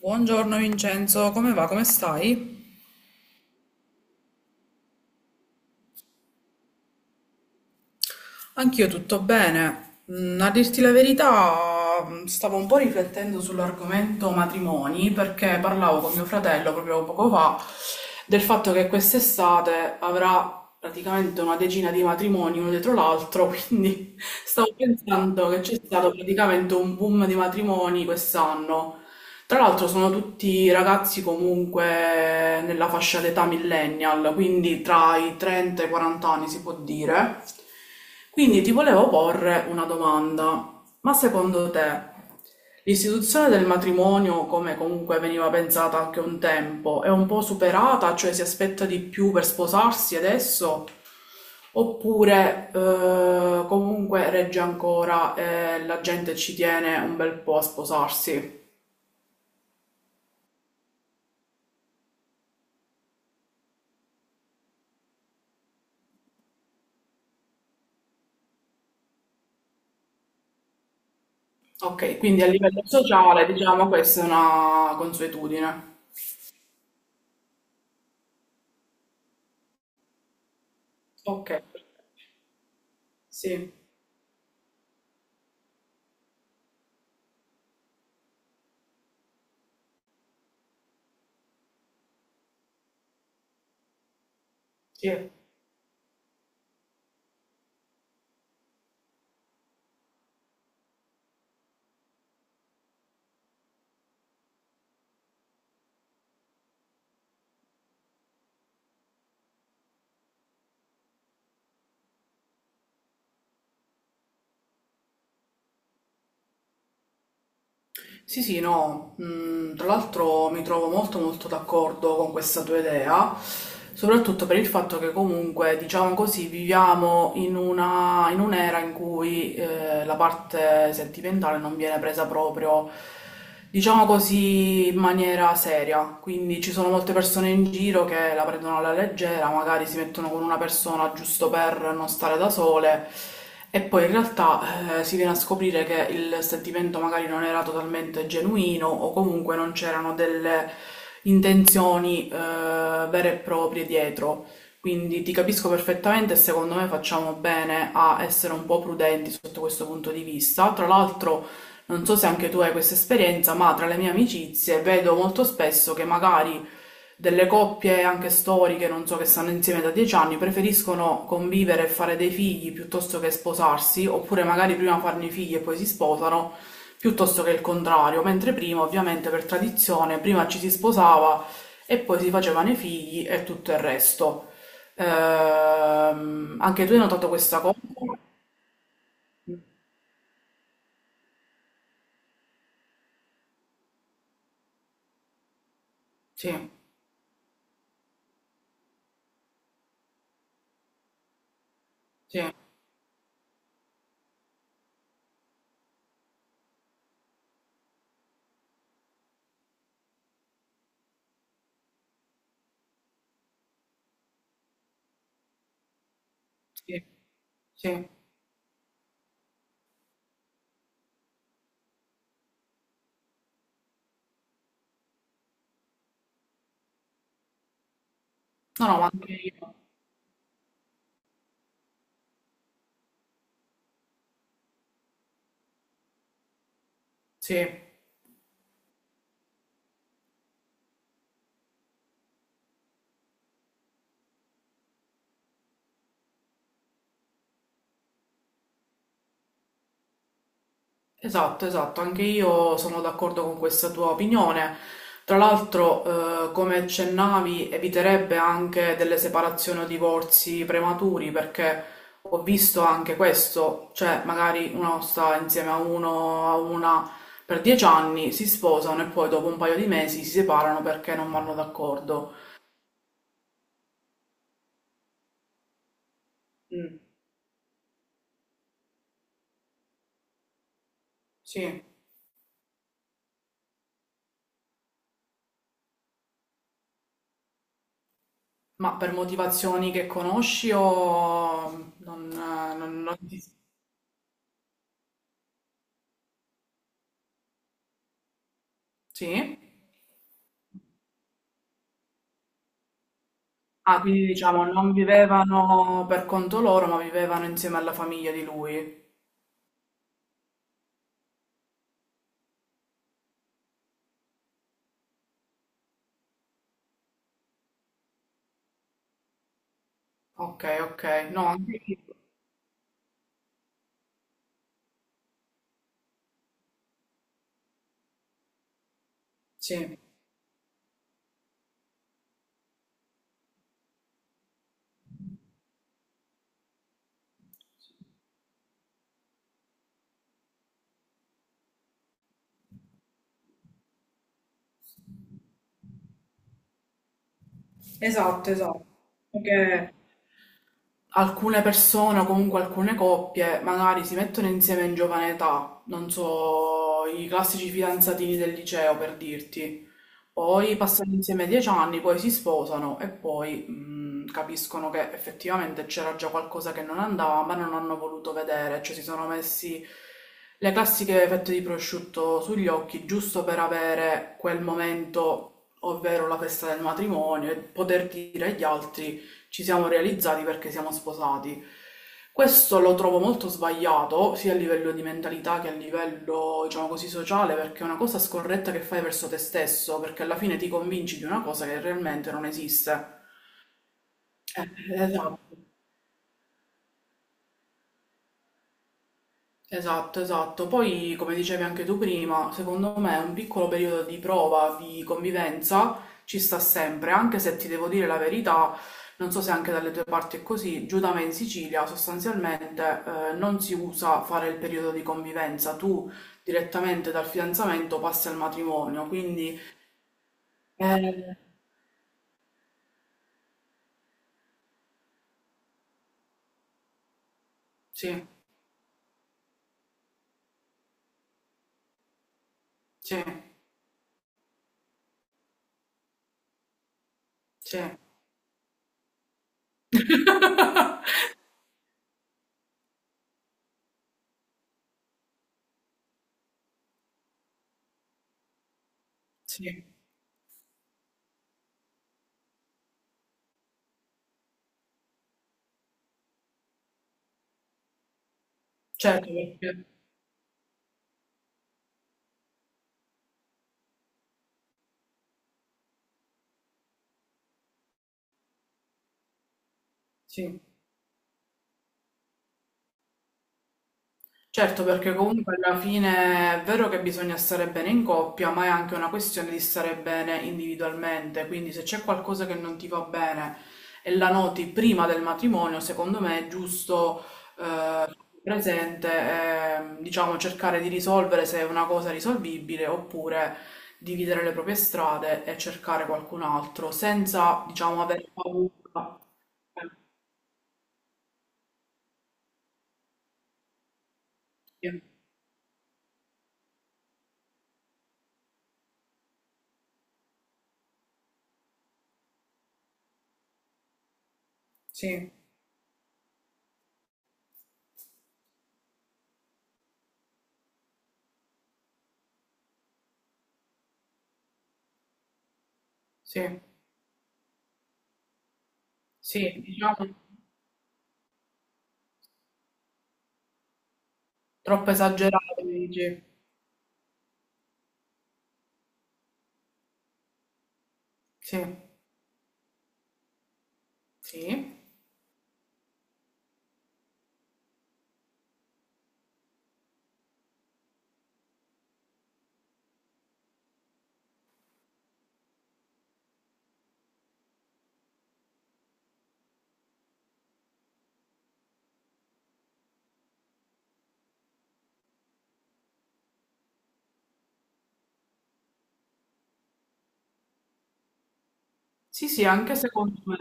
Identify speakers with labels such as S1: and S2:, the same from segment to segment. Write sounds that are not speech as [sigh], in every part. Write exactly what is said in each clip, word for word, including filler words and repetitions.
S1: Buongiorno Vincenzo, come va? Come stai? Anch'io tutto bene. Mm, A dirti la verità, mm, stavo un po' riflettendo sull'argomento matrimoni perché parlavo con mio fratello proprio poco fa del fatto che quest'estate avrà praticamente una decina di matrimoni uno dietro l'altro, [laughs] quindi stavo pensando che c'è stato praticamente un boom di matrimoni quest'anno. Tra l'altro sono tutti ragazzi comunque nella fascia d'età millennial, quindi tra i trenta e i quaranta anni si può dire. Quindi ti volevo porre una domanda, ma secondo te l'istituzione del matrimonio, come comunque veniva pensata anche un tempo, è un po' superata, cioè si aspetta di più per sposarsi adesso? Oppure eh, comunque regge ancora e la gente ci tiene un bel po' a sposarsi? Okay, quindi a livello sociale diciamo questa è una consuetudine. Okay, sì, sì. Sì, sì, no, mhmm, tra l'altro mi trovo molto, molto d'accordo con questa tua idea, soprattutto per il fatto che comunque, diciamo così, viviamo in una in un'era in cui, ehm, la parte sentimentale non viene presa proprio, diciamo così, in maniera seria. Quindi ci sono molte persone in giro che la prendono alla leggera, magari si mettono con una persona giusto per non stare da sole e poi in realtà eh, si viene a scoprire che il sentimento magari non era totalmente genuino o comunque non c'erano delle intenzioni eh, vere e proprie dietro. Quindi ti capisco perfettamente e secondo me facciamo bene a essere un po' prudenti sotto questo punto di vista. Tra l'altro, non so se anche tu hai questa esperienza, ma tra le mie amicizie vedo molto spesso che magari delle coppie anche storiche, non so, che stanno insieme da dieci anni, preferiscono convivere e fare dei figli piuttosto che sposarsi, oppure magari prima farne i figli e poi si sposano, piuttosto che il contrario, mentre prima, ovviamente, per tradizione, prima ci si sposava e poi si facevano i figli e tutto il resto. Ehm, anche tu hai notato questa cosa? Sì, sì, sì, sì. No, no, ma anche io. Sì, esatto, esatto, anche io sono d'accordo con questa tua opinione. Tra l'altro, eh, come accennavi, eviterebbe anche delle separazioni o divorzi prematuri, perché ho visto anche questo, cioè magari uno sta insieme a uno, a una per dieci anni, si sposano e poi dopo un paio di mesi si separano perché non vanno d'accordo. Mm, sì, ma per motivazioni che conosci o non, eh, non non ti... Sì? Ah, quindi diciamo non vivevano per conto loro, ma vivevano insieme alla famiglia di lui. Ok, ok. No, anche io. Sì, esatto, esatto. Perché alcune persone o comunque alcune coppie magari si mettono insieme in giovane età, non so, i classici fidanzatini del liceo per dirti. Poi passano insieme dieci anni, poi si sposano e poi mh, capiscono che effettivamente c'era già qualcosa che non andava, ma non hanno voluto vedere, cioè si sono messi le classiche fette di prosciutto sugli occhi giusto per avere quel momento, ovvero la festa del matrimonio, e poter dire agli altri ci siamo realizzati perché siamo sposati. Questo lo trovo molto sbagliato, sia a livello di mentalità che a livello, diciamo così, sociale, perché è una cosa scorretta che fai verso te stesso, perché alla fine ti convinci di una cosa che realmente non esiste. Eh, esatto. Esatto, esatto. Poi, come dicevi anche tu prima, secondo me un piccolo periodo di prova, di convivenza ci sta sempre, anche se ti devo dire la verità, non so se anche dalle tue parti è così, giù da me in Sicilia sostanzialmente eh, non si usa fare il periodo di convivenza, tu direttamente dal fidanzamento passi al matrimonio, quindi eh, sì, sì, sì. [laughs] Sì, certo perché sì. Certo, perché comunque alla fine è vero che bisogna stare bene in coppia, ma è anche una questione di stare bene individualmente. Quindi se c'è qualcosa che non ti va bene e la noti prima del matrimonio, secondo me è giusto eh, presente, e, diciamo, cercare di risolvere se è una cosa risolvibile oppure dividere le proprie strade e cercare qualcun altro senza, diciamo, avere paura. Eh, Sì, sì, sì, sì, diciamo. Troppo esagerato, dici? Sì, sì. Sì, sì, anche secondo me.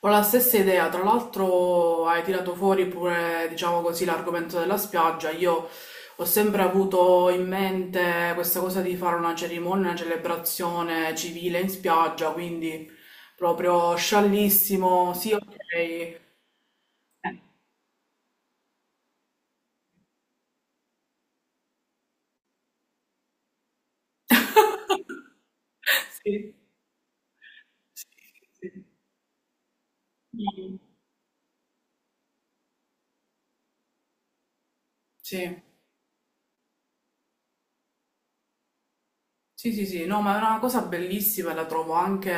S1: Ho la stessa idea. Tra l'altro hai tirato fuori pure, diciamo così, l'argomento della spiaggia. Io ho sempre avuto in mente questa cosa di fare una cerimonia, una celebrazione civile in spiaggia, quindi proprio sciallissimo. Sì, ok. Eh. [laughs] Sì, sì, sì. Sì. Sì, sì, sì, no, ma è una cosa bellissima, e la trovo anche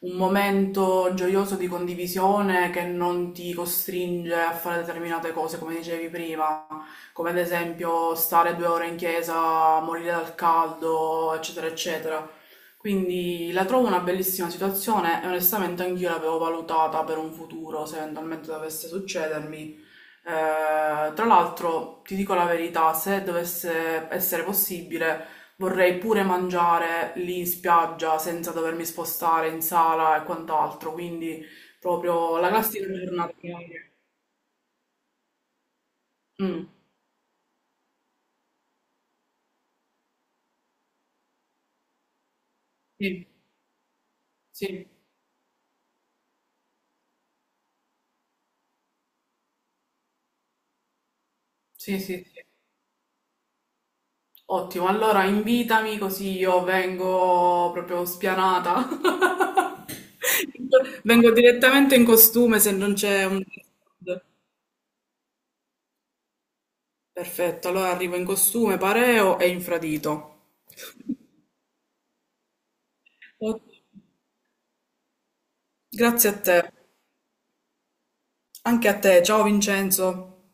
S1: un momento gioioso di condivisione che non ti costringe a fare determinate cose, come dicevi prima, come ad esempio stare due ore in chiesa, morire dal caldo, eccetera, eccetera. Quindi la trovo una bellissima situazione e onestamente anch'io l'avevo valutata per un futuro, se eventualmente dovesse succedermi eh, tra l'altro, ti dico la verità, se dovesse essere possibile, vorrei pure mangiare lì in spiaggia senza dovermi spostare in sala e quant'altro, quindi proprio la classica giornata. Mm, sì, sì, sì, sì, sì. Ottimo, allora invitami così io vengo proprio spianata. [laughs] Vengo direttamente in costume se non c'è un... Perfetto, allora arrivo in costume, pareo e infradito. Ok, grazie a te. Anche a te. Ciao Vincenzo.